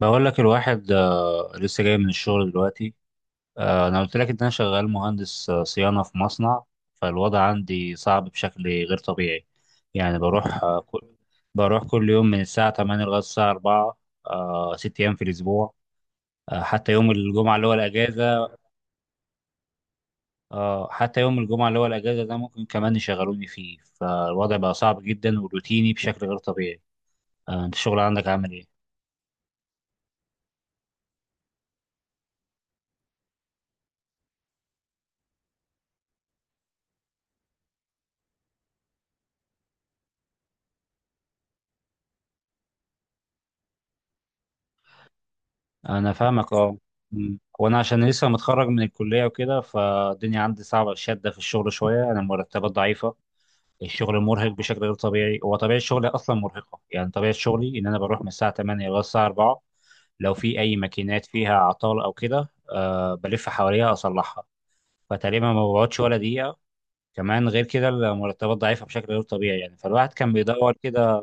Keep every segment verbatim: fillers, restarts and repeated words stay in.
بقول لك الواحد آه، لسه جاي من الشغل دلوقتي. آه، انا قلت لك ان انا شغال مهندس آه، صيانه في مصنع. فالوضع عندي صعب بشكل غير طبيعي. يعني بروح آه، كل بروح كل يوم من الساعه تمانية لغايه الساعه الرابعه. آه، ست ايام في الاسبوع. آه، حتى يوم الجمعه اللي هو الاجازه آه، حتى يوم الجمعه اللي هو الاجازه ده ممكن كمان يشغلوني فيه. فالوضع بقى صعب جدا وروتيني بشكل غير طبيعي. آه، انت الشغل عندك عامل ايه؟ انا فاهمك اه. مم. وانا عشان لسه متخرج من الكليه وكده فالدنيا عندي صعبه، شاده في الشغل شويه، انا المرتبات ضعيفه. الشغل مرهق بشكل غير طبيعي، هو طبيعه شغلي اصلا مرهقه. يعني طبيعه شغلي ان انا بروح من الساعه تمانية لغايه الساعه الرابعه. لو في اي ماكينات فيها اعطال او كده أه بلف حواليها اصلحها. فتقريبا ما بقعدش ولا دقيقه. كمان غير كده المرتبات ضعيفه بشكل غير طبيعي يعني، فالواحد كان بيدور كده.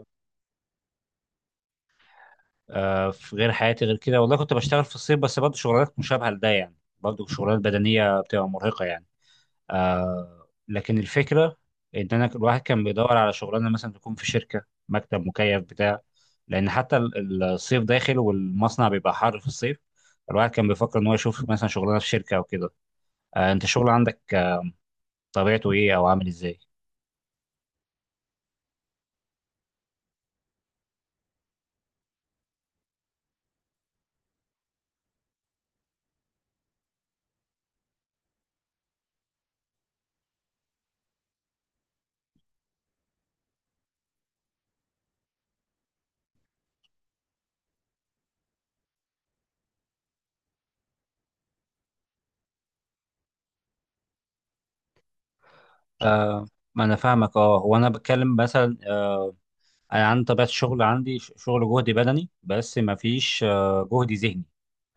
آه، في غير حياتي غير كده والله كنت بشتغل في الصيف، بس برضه شغلانات مشابهة لده يعني. برضه شغلانات بدنية بتبقى مرهقة يعني. آه لكن الفكرة إن أنا الواحد كان بيدور على شغلانة مثلا تكون في شركة، مكتب مكيف بتاع. لأن حتى ال- الصيف داخل والمصنع بيبقى حر في الصيف. الواحد كان بيفكر إن هو يشوف مثلا شغلانة في شركة أو كده. آه أنت الشغل عندك آه، طبيعته إيه أو عامل إزاي؟ آه ما أنا فاهمك أه. هو أنا بتكلم مثلا، انا عندي طبيعه الشغل عندي ش- شغل جهدي بدني بس ما فيش آه، جهد ذهني.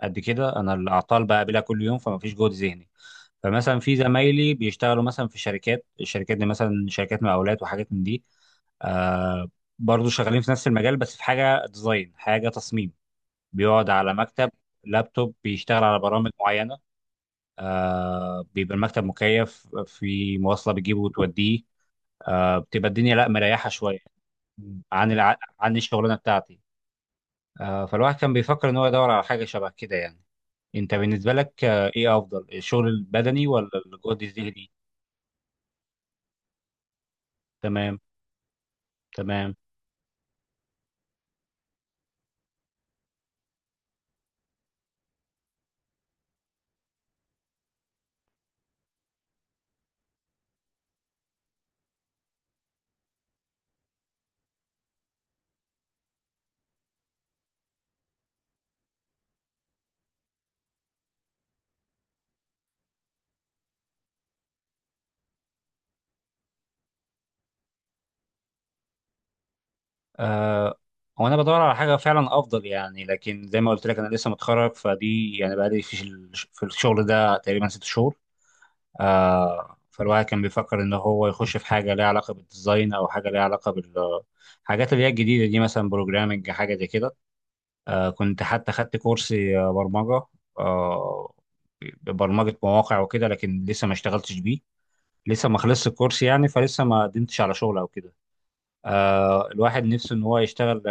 قد كده انا الاعطال بقابلها كل يوم، فما فيش جهد ذهني. فمثلا في زمايلي بيشتغلوا مثلا في شركات، الشركات دي مثلا شركات مقاولات وحاجات من دي. آه برضه شغالين في نفس المجال بس في حاجه ديزاين، حاجه تصميم. بيقعد على مكتب، لابتوب، بيشتغل على برامج معينه. آه بيبقى المكتب مكيف، في مواصله بتجيبه وتوديه، آه بتبقى الدنيا لا، مريحه شويه عن الع... عن الشغلانه بتاعتي. آه، فالواحد كان بيفكر ان هو يدور على حاجه شبه كده يعني. انت بالنسبه لك آه، ايه افضل، الشغل البدني ولا الجهد الذهني؟ تمام. تمام. آه هو انا بدور على حاجه فعلا افضل يعني، لكن زي ما قلت لك انا لسه متخرج فدي، يعني بقالي في ال- في الشغل ده تقريبا ست شهور. آه فالواحد كان بيفكر ان هو يخش في حاجه ليها علاقه بالديزاين او حاجه ليها علاقه بال، حاجات اللي هي الجديده دي مثلا بروجرامنج، حاجه زي كده. آه، كنت حتى خدت كورس آه، برمجة، آه، برمجة مواقع وكده، لكن لسه ما اشتغلتش بيه. لسه ما خلصت الكورس يعني، فلسه ما قدمتش على شغل او كده. آه، الواحد نفسه ان هو يشتغل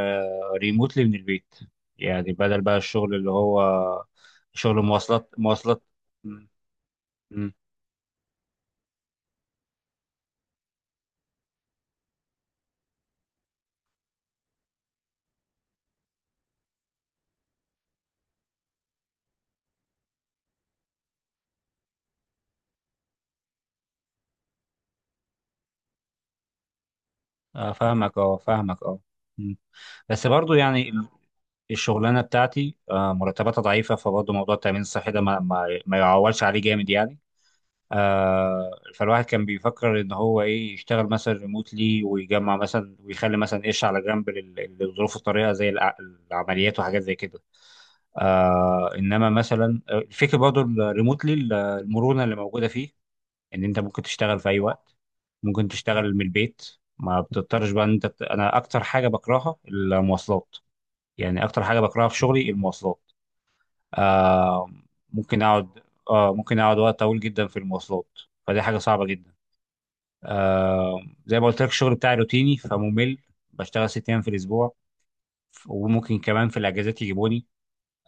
ريموتلي من البيت. يعني بدل بقى الشغل اللي هو شغل مواصلات، مواصلات. م- م. آه، فاهمك اه، فاهمك اه. م. بس برضو يعني ال- الشغلانة بتاعتي آه، مرتباتها ضعيفة، فبرضه موضوع التأمين الصحي ده ما ما ما يعولش عليه جامد يعني. آه فالواحد كان بيفكر ان هو ايه، يشتغل مثلا ريموتلي ويجمع مثلا ويخلي مثلا قش على جنب لل- للظروف الطارئه زي الع- العمليات وحاجات زي كده. آه انما مثلا آه، الفكره برضه الريموتلي، المرونه اللي موجوده فيه، ان انت ممكن تشتغل في اي وقت، ممكن تشتغل من البيت، ما بتضطرش بقى ان انت بت... انا اكتر حاجه بكرهها المواصلات. يعني اكتر حاجه بكرهها في شغلي المواصلات. آه ممكن اقعد آه ممكن اقعد وقت طويل جدا في المواصلات، فدي حاجه صعبه جدا. آه زي ما قلت لك الشغل بتاعي روتيني فممل، بشتغل ست ايام في الاسبوع، وممكن كمان في الاجازات يجيبوني.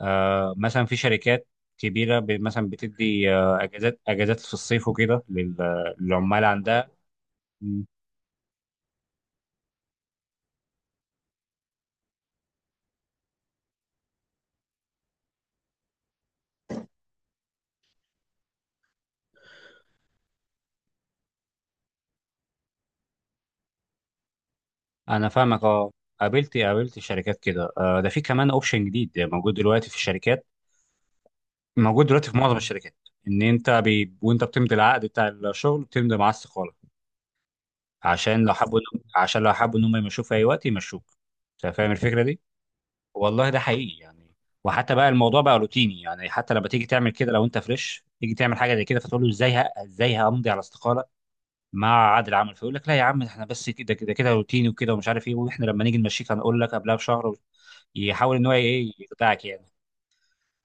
آه مثلا في شركات كبيره ب- مثلا بتدي آه اجازات اجازات في الصيف وكده لل- للعمال عندها. م. انا فاهمك اه. قابلت قابلت شركات كده. آه ده في كمان اوبشن جديد موجود دلوقتي في الشركات، موجود دلوقتي في معظم الشركات. ان انت بي... وانت بتمضي العقد بتاع الشغل بتمضي معاه استقاله، عشان لو حبوا عشان لو حبوا ان هم يمشوك في اي وقت يمشوك. انت فاهم الفكره دي؟ والله ده حقيقي يعني. وحتى بقى الموضوع بقى روتيني يعني، حتى لما تيجي تعمل كده لو انت فريش تيجي تعمل حاجه زي كده فتقول له ازاي، ه- ازاي همضي على استقاله مع عادل عمل، فيقول لك لا يا عم احنا بس كده كده كده روتيني وكده ومش عارف ايه، واحنا لما نيجي نمشيك هنقول لك قبلها بشهر و- يحاول ان هو ايه، يخدعك يعني.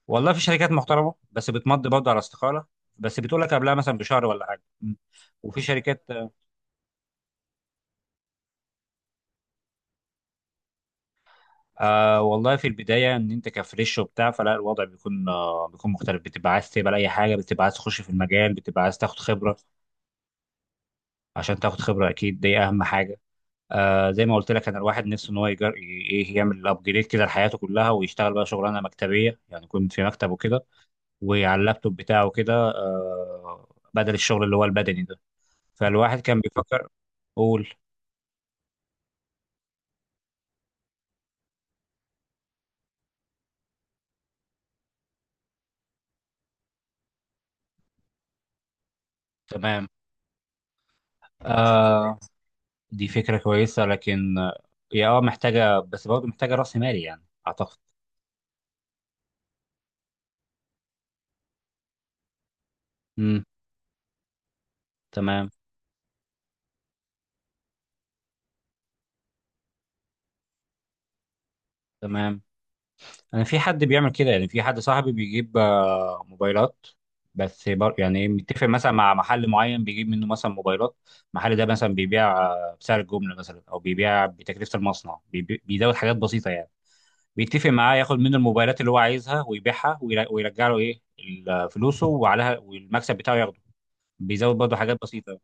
والله في شركات محترمه بس بتمضي برضه على استقاله، بس بتقول لك قبلها مثلا بشهر ولا حاجه. م. وفي شركات. آه والله في البداية إن أنت كفريش وبتاع فلا الوضع بيكون، آه بيكون مختلف، بتبقى عايز تقبل أي حاجة، بتبقى عايز تخش في المجال، بتبقى عايز تاخد خبرة عشان تاخد خبرة. أكيد دي أهم حاجة. آه زي ما قلت لك أنا الواحد نفسه إن هو يجر... ي- إيه يعمل أبجريد كده لحياته كلها، ويشتغل بقى شغلانة مكتبية يعني يكون في مكتب وكده، وعلى اللابتوب بتاعه كده. آه بدل الشغل اللي هو البدني ده. فالواحد كان بيفكر. قول. تمام. آه دي فكرة كويسة، لكن آه، هي اه محتاجة، بس برضه محتاجة رأس مالي يعني أعتقد. امم. تمام. تمام. أنا في حد بيعمل كده يعني، في حد صاحبي بيجيب آه، موبايلات، بس بر... يعني متفق مثلا مع محل معين بيجيب منه مثلا موبايلات. المحل ده مثلا بيبيع آه، بسعر الجملة مثلا أو بيبيع بتكلفة المصنع، بيبي... بيزود حاجات بسيطة يعني. بيتفق معاه ياخد منه الموبايلات اللي هو عايزها ويبيعها وير- ويرجع له إيه ال- فلوسه وعليها، والمكسب بتاعه ياخده. بيزود برضه حاجات بسيطة.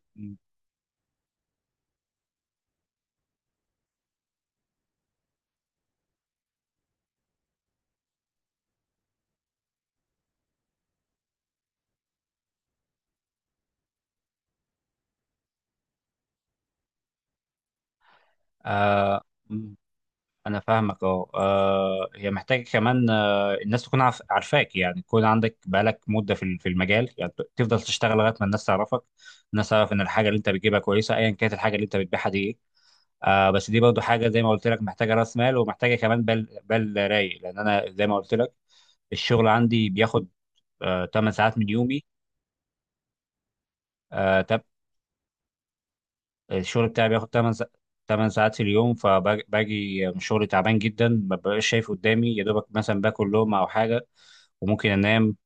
آه مم. انا فاهمك اه. آه، هي محتاجه كمان آه الناس تكون عارف- عارفاك، يعني تكون عندك بقالك مده في ال- في المجال، يعني ت- تفضل تشتغل لغايه ما الناس تعرفك، الناس تعرف ان الحاجه اللي انت بتجيبها كويسه ايا كانت الحاجه اللي انت بتبيعها دي ايه. آه بس دي برضو حاجه زي ما قلت لك محتاجه راس مال، ومحتاجه كمان بال بال رايق، لان انا زي ما قلت لك الشغل عندي بياخد آه تمانية ساعات من يومي. الشغل بتاعي بياخد تمانية تمانية ساعات في اليوم، فباجي من الشغل تعبان جدا، ما ببقاش شايف قدامي، يا دوبك مثلا باكل لقمة او حاجة وممكن انام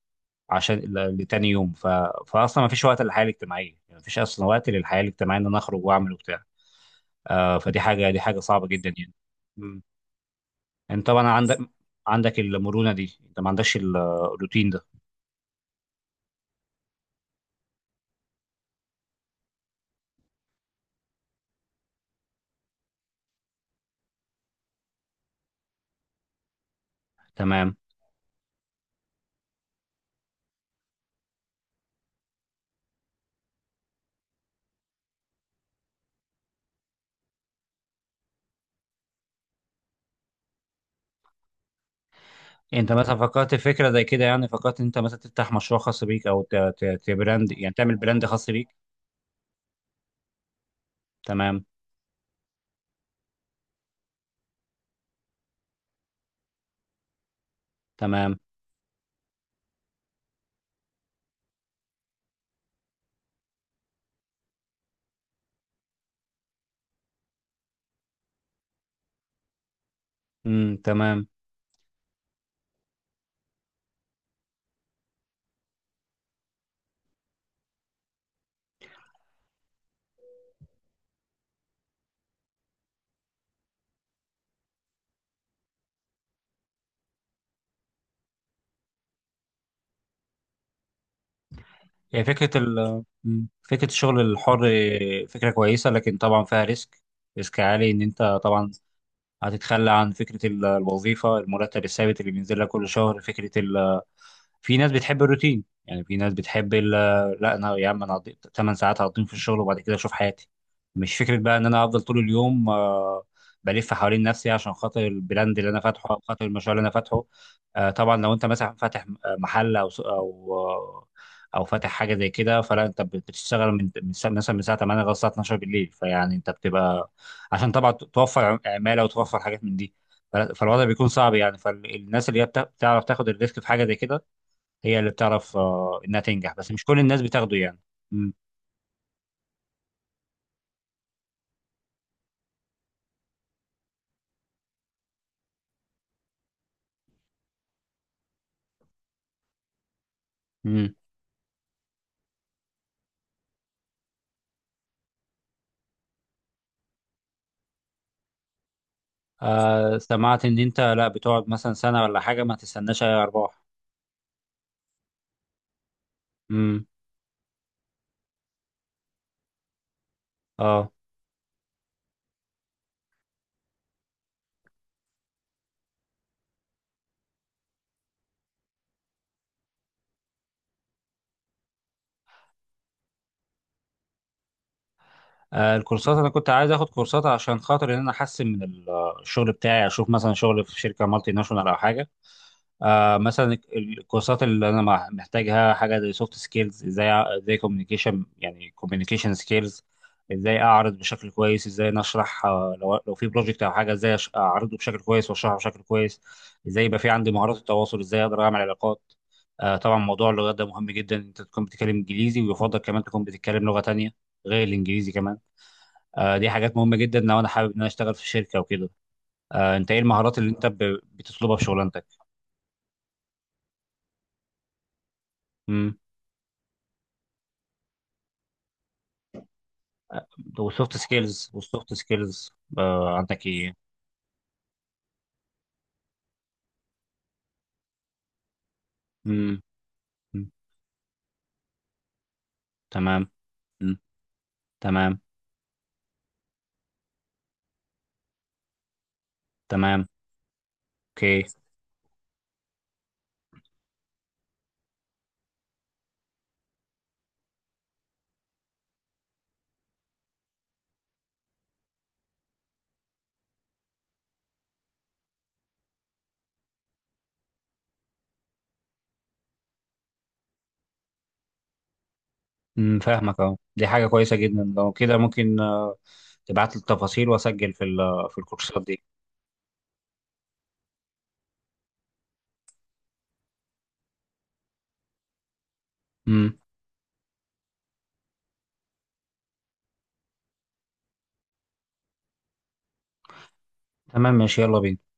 عشان ل- لتاني يوم ف... فاصلا ما فيش وقت للحياة الاجتماعية يعني، ما فيش اصلا وقت للحياة الاجتماعية ان انا اخرج واعمل وبتاع. آه فدي حاجة دي حاجة صعبة جدا يعني. مم. انت طبعا عندك، عندك المرونة دي، انت ما عندكش ال- الروتين ده. تمام. انت مثلا فكرت في فكرة زي كده؟ يعني فكرت انت مثلا تفتح مشروع خاص بيك، او ت... ت... تبراند، يعني تعمل براند خاص بيك. تمام. تمام. امم. تمام. هي فكرة ال مم. فكرة الشغل الحر، فكرة كويسة، لكن طبعا فيها ريسك. ريسك عالي، ان انت طبعا هتتخلى عن فكرة ال- الوظيفة، المرتب الثابت اللي بينزل لك كل شهر، فكرة ال في ناس بتحب الروتين، يعني في ناس بتحب ال- لا انا يا عم، انا تمانية ساعات هقضيهم في الشغل وبعد كده اشوف حياتي. مش فكره بقى ان انا افضل طول اليوم آه، بلف حوالين نفسي عشان خاطر البراند اللي انا فاتحه او خاطر المشروع اللي انا فاتحه. آه، طبعا لو انت مثلا فاتح آه، محل او سوق- او آه، او فاتح حاجه زي كده، فلا انت بت- بتشتغل من من الساعة- مثلا من الساعه تمانية لغايه الساعه اتناشر بالليل، فيعني انت بتبقى عشان طبعا توفر عماله وتوفر حاجات من دي. فلا- فالوضع بيكون صعب يعني، فالناس اللي هي بتع- بتعرف تاخد الريسك في حاجه زي كده هي اللي بتعرف آه، انها تنجح، بس مش كل الناس بتاخده يعني. مم. مم. آه سمعت ان انت لا بتقعد مثلا سنة ولا حاجة ما تستناش اي ارباح. مم. اه. آه، الكورسات انا كنت عايز اخد كورسات عشان خاطر ان انا احسن من ال- آه، الشغل بتاعي، اشوف مثلا شغل في شركة مالتي ناشونال او حاجة. آه مثلا الكورسات اللي انا مع- محتاجها، حاجه زي سوفت سكيلز، ازاي أع- ازاي كوميونيكيشن، يعني كوميونيكيشن سكيلز، ازاي اعرض بشكل كويس، ازاي نشرح، آه لو لو في بروجكت او حاجه ازاي أش- اعرضه بشكل كويس واشرحه بشكل كويس، ازاي يبقى في عندي مهارات التواصل، ازاي اقدر اعمل علاقات. آه طبعا موضوع اللغات ده مهم جدا، انت تكون بتتكلم انجليزي ويفضل كمان تكون بتتكلم لغه تانية غير الانجليزي كمان. آه دي حاجات مهمه جدا لو انا حابب ان انا اشتغل في شركه وكده. آه انت ايه المهارات اللي انت ب- بتطلبها في شغلانتك؟ وسوفت سكيلز والسوفت سكيلز آه عندك ايه؟ امم. تمام. مم. تمام. تمام. اوكي. امم فاهمك اهو، دي حاجه كويسه جدا، لو كده ممكن آه، تبعت لي التفاصيل واسجل في ال- آه، في الكورسات دي. امم، تمام، ماشي، يلا بينا.